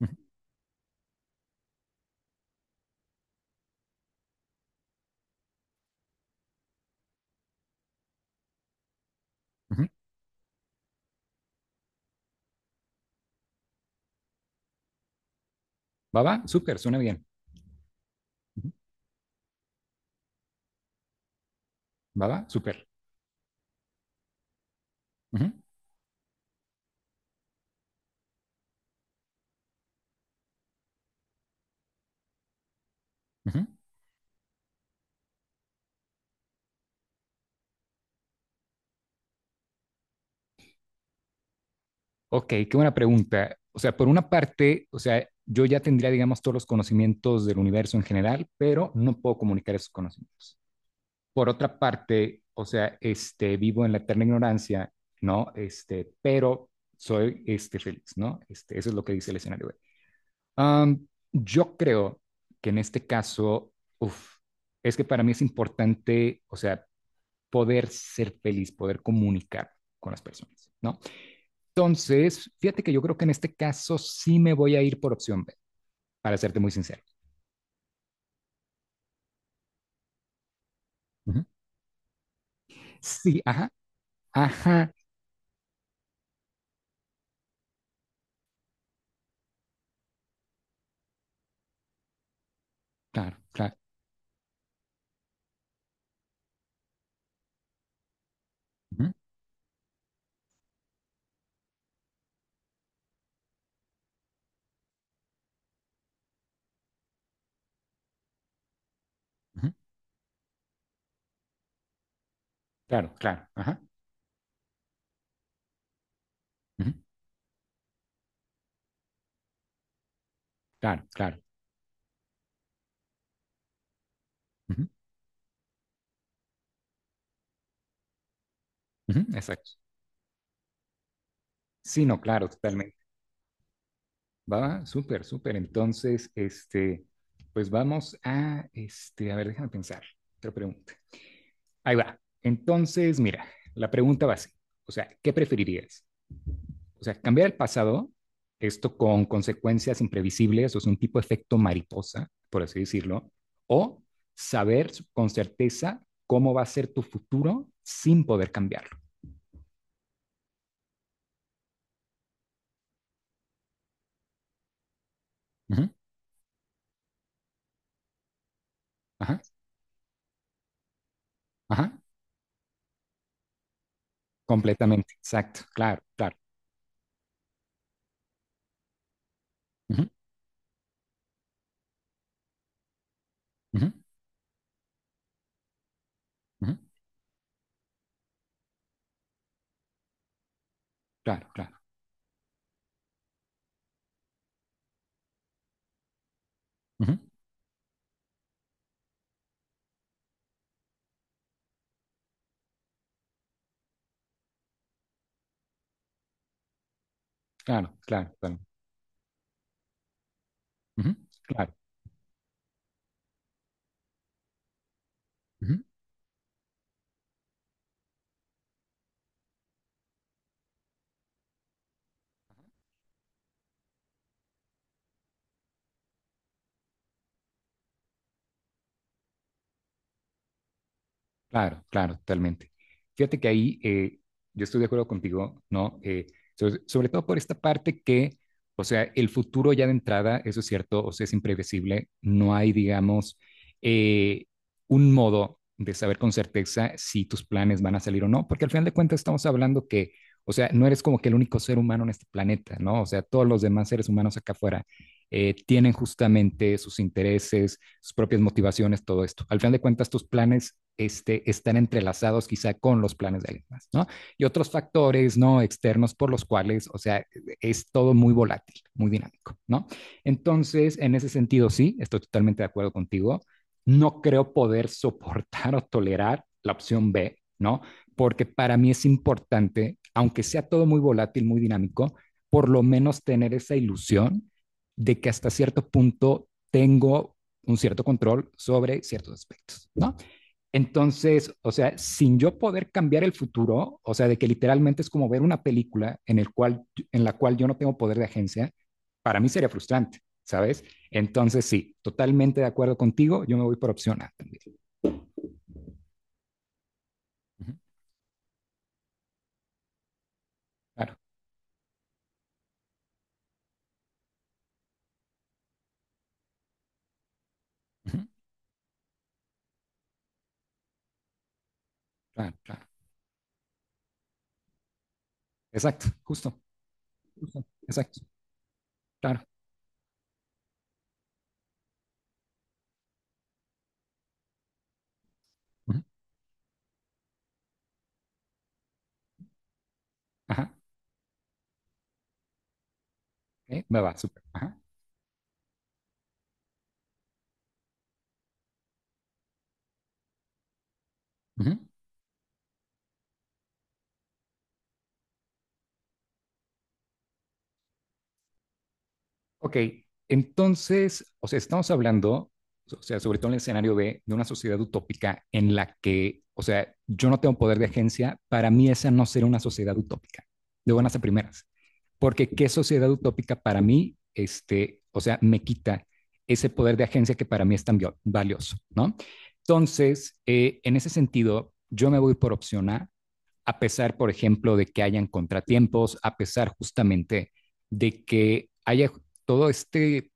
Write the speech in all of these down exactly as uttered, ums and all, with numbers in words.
Ujú, ujú. ¿Va, va? Súper, suena bien. Ujú. ¿Va, va? Súper. Ujú, ujú. Ok, qué buena pregunta. O sea, por una parte, o sea, yo ya tendría, digamos, todos los conocimientos del universo en general, pero no puedo comunicar esos conocimientos. Por otra parte, o sea, este, vivo en la eterna ignorancia, ¿no? Este, pero soy, este, feliz, ¿no? Este, eso es lo que dice el escenario. B. Am, yo creo que en este caso, uf, es que para mí es importante, o sea, poder ser feliz, poder comunicar con las personas, ¿no? Entonces, fíjate que yo creo que en este caso sí me voy a ir por opción B, para serte muy sincero. Uh -huh. Sí, ajá, ajá, claro, claro, uh -huh, uh -huh, claro, claro, ajá, uh-huh, claro, claro, uh-huh, uh-huh, exacto. Sí, no, claro, totalmente. Va, súper, súper. Entonces, este, pues vamos a, este, a ver, déjame pensar, otra pregunta. Ahí va. Entonces, mira, la pregunta va así. O sea, ¿qué preferirías? O sea, cambiar el pasado, esto con consecuencias imprevisibles, o sea, un tipo de efecto mariposa, por así decirlo, o saber con certeza cómo va a ser tu futuro sin poder cambiarlo. Ujú, ajá, ajá, completamente, exacto, claro, claro. Ujú, ujú, ujú, claro, claro. Ujú, claro, claro, claro. Ujú, claro. Ujú. Claro, claro, totalmente. Fíjate que ahí eh, yo estoy de acuerdo contigo, ¿no? Eh, sobre, sobre todo por esta parte que, o sea, el futuro ya de entrada, eso es cierto, o sea, es imprevisible, no hay, digamos, eh, un modo de saber con certeza si tus planes van a salir o no, porque al final de cuentas estamos hablando que, o sea, no eres como que el único ser humano en este planeta, ¿no? O sea, todos los demás seres humanos acá afuera eh, tienen justamente sus intereses sus propias motivaciones, todo esto. Al final de cuentas, tus planes este, están entrelazados quizá con los planes de alguien más, ¿no? Y otros factores, ¿no? Externos por los cuales, o sea, es todo muy volátil, muy dinámico, ¿no? Entonces, en ese sentido, sí, estoy totalmente de acuerdo contigo. No creo poder soportar o tolerar la opción B, ¿no? Porque para mí es importante, aunque sea todo muy volátil, muy dinámico, por lo menos tener esa ilusión de que hasta cierto punto tengo un cierto control sobre ciertos aspectos, ¿no? Entonces, o sea, sin yo poder cambiar el futuro, o sea, de que literalmente es como ver una película en, el cual, en la cual yo no tengo poder de agencia, para mí sería frustrante, ¿sabes? Entonces, sí, totalmente de acuerdo contigo, yo me voy por opción A también. Uh -huh. Claro, uh -huh. claro, claro. Exacto, justo, justo, exacto, claro. Uh -huh. Ajá, okay. me va, súper. Ajá. Uh-huh. Ok, entonces, o sea, estamos hablando, o sea, sobre todo en el escenario de, de, una sociedad utópica en la que, o sea, yo no tengo poder de agencia, para mí esa no será una sociedad utópica, de buenas a primeras, porque qué sociedad utópica para mí, este, o sea, me quita ese poder de agencia que para mí es tan vio- valioso, ¿no? Entonces, eh, en ese sentido, yo me voy por opción A, a pesar, por ejemplo, de que hayan contratiempos, a pesar justamente de que haya todo este,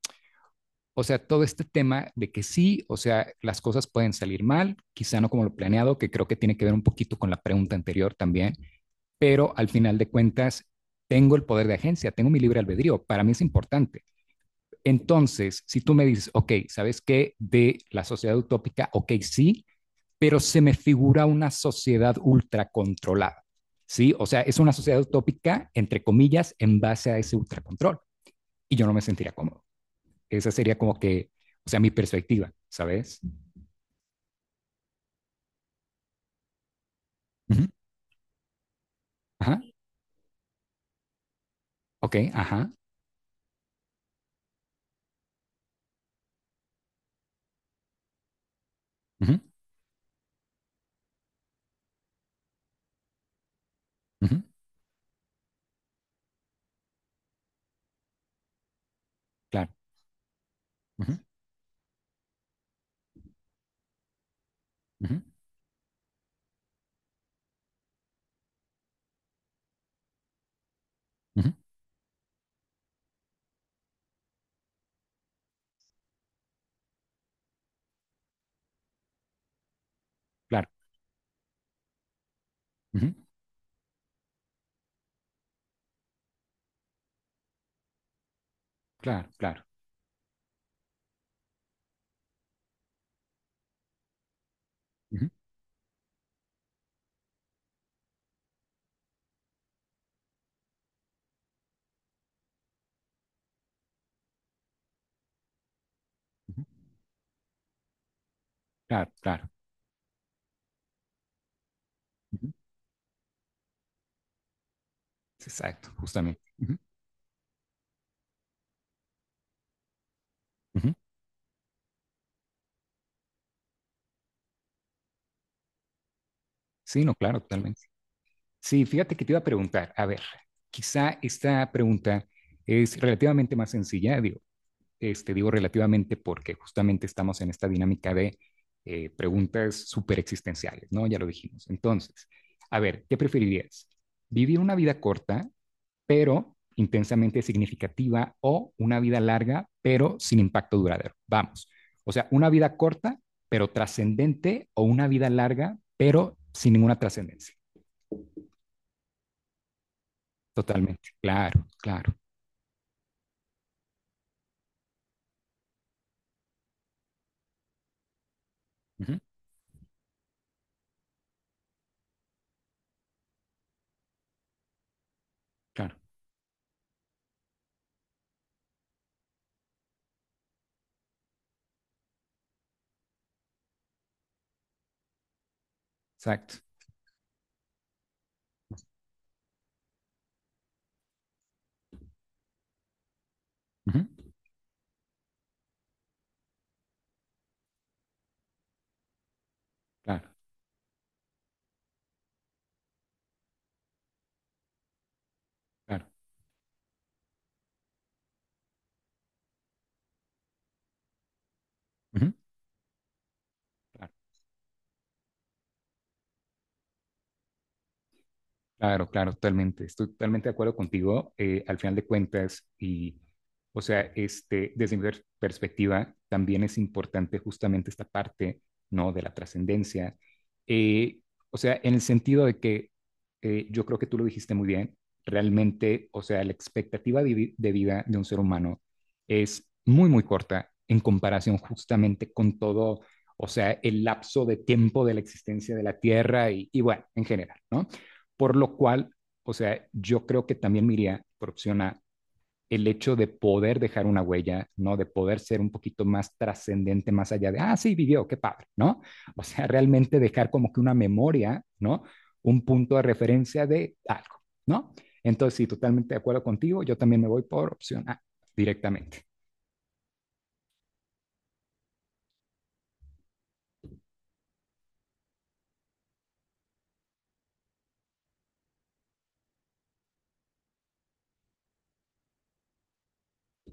o sea, todo este tema de que sí, o sea, las cosas pueden salir mal, quizá no como lo planeado, que creo que tiene que ver un poquito con la pregunta anterior también, pero al final de cuentas, tengo el poder de agencia, tengo mi libre albedrío, para mí es importante. Entonces, si tú me dices, ok, ¿sabes qué? De la sociedad utópica, ok, sí, pero se me figura una sociedad ultracontrolada. ¿sí? O sea, es una sociedad utópica, entre comillas, en base a ese ultracontrol. Y yo no me sentiría cómodo. Esa sería como que, o sea, mi perspectiva, ¿sabes? Ujú, Ajá, ok, ajá, ujú, ujú, claro, ujú, ujú, ujú, claro, ujú, claro, claro, ujú, ujú, claro, claro, ujú, exacto, justamente. Ujú, ujú. Sí, no, claro, totalmente. Sí, fíjate que te iba a preguntar, a ver, quizá esta pregunta es relativamente más sencilla, digo, Este, digo relativamente porque justamente estamos en esta dinámica de eh, preguntas súper existenciales, ¿no? Ya lo dijimos. Entonces, a ver, ¿qué preferirías? ¿Vivir una vida corta, pero intensamente significativa, o una vida larga, pero sin impacto duradero? Vamos. O sea, una vida corta, pero trascendente, o una vida larga, pero sin ninguna trascendencia. Totalmente. Claro, claro. Ujú, claro. Exacto. Ujú, claro, claro. Ujú, claro. Claro, claro, totalmente. Estoy totalmente de acuerdo contigo. eh, al final de cuentas, y, o sea, este, desde mi per- perspectiva, también es importante justamente esta parte, ¿no? De la trascendencia. Eh, o sea, en el sentido de que eh, yo creo que tú lo dijiste muy bien, realmente, o sea, la expectativa de, vi- de vida de un ser humano es muy, muy corta en comparación justamente con todo, o sea, el lapso de tiempo de la existencia de la Tierra y, y, bueno, en general, ¿no? Por lo cual, o sea, yo creo que también me iría por opción A, el hecho de poder dejar una huella, ¿no? De poder ser un poquito más trascendente, más allá de, ah, sí, vivió, qué padre, ¿no? O sea, realmente dejar como que una memoria, ¿no? Un punto de referencia de algo, ¿no? Entonces, sí, totalmente de acuerdo contigo, yo también me voy por opción A directamente.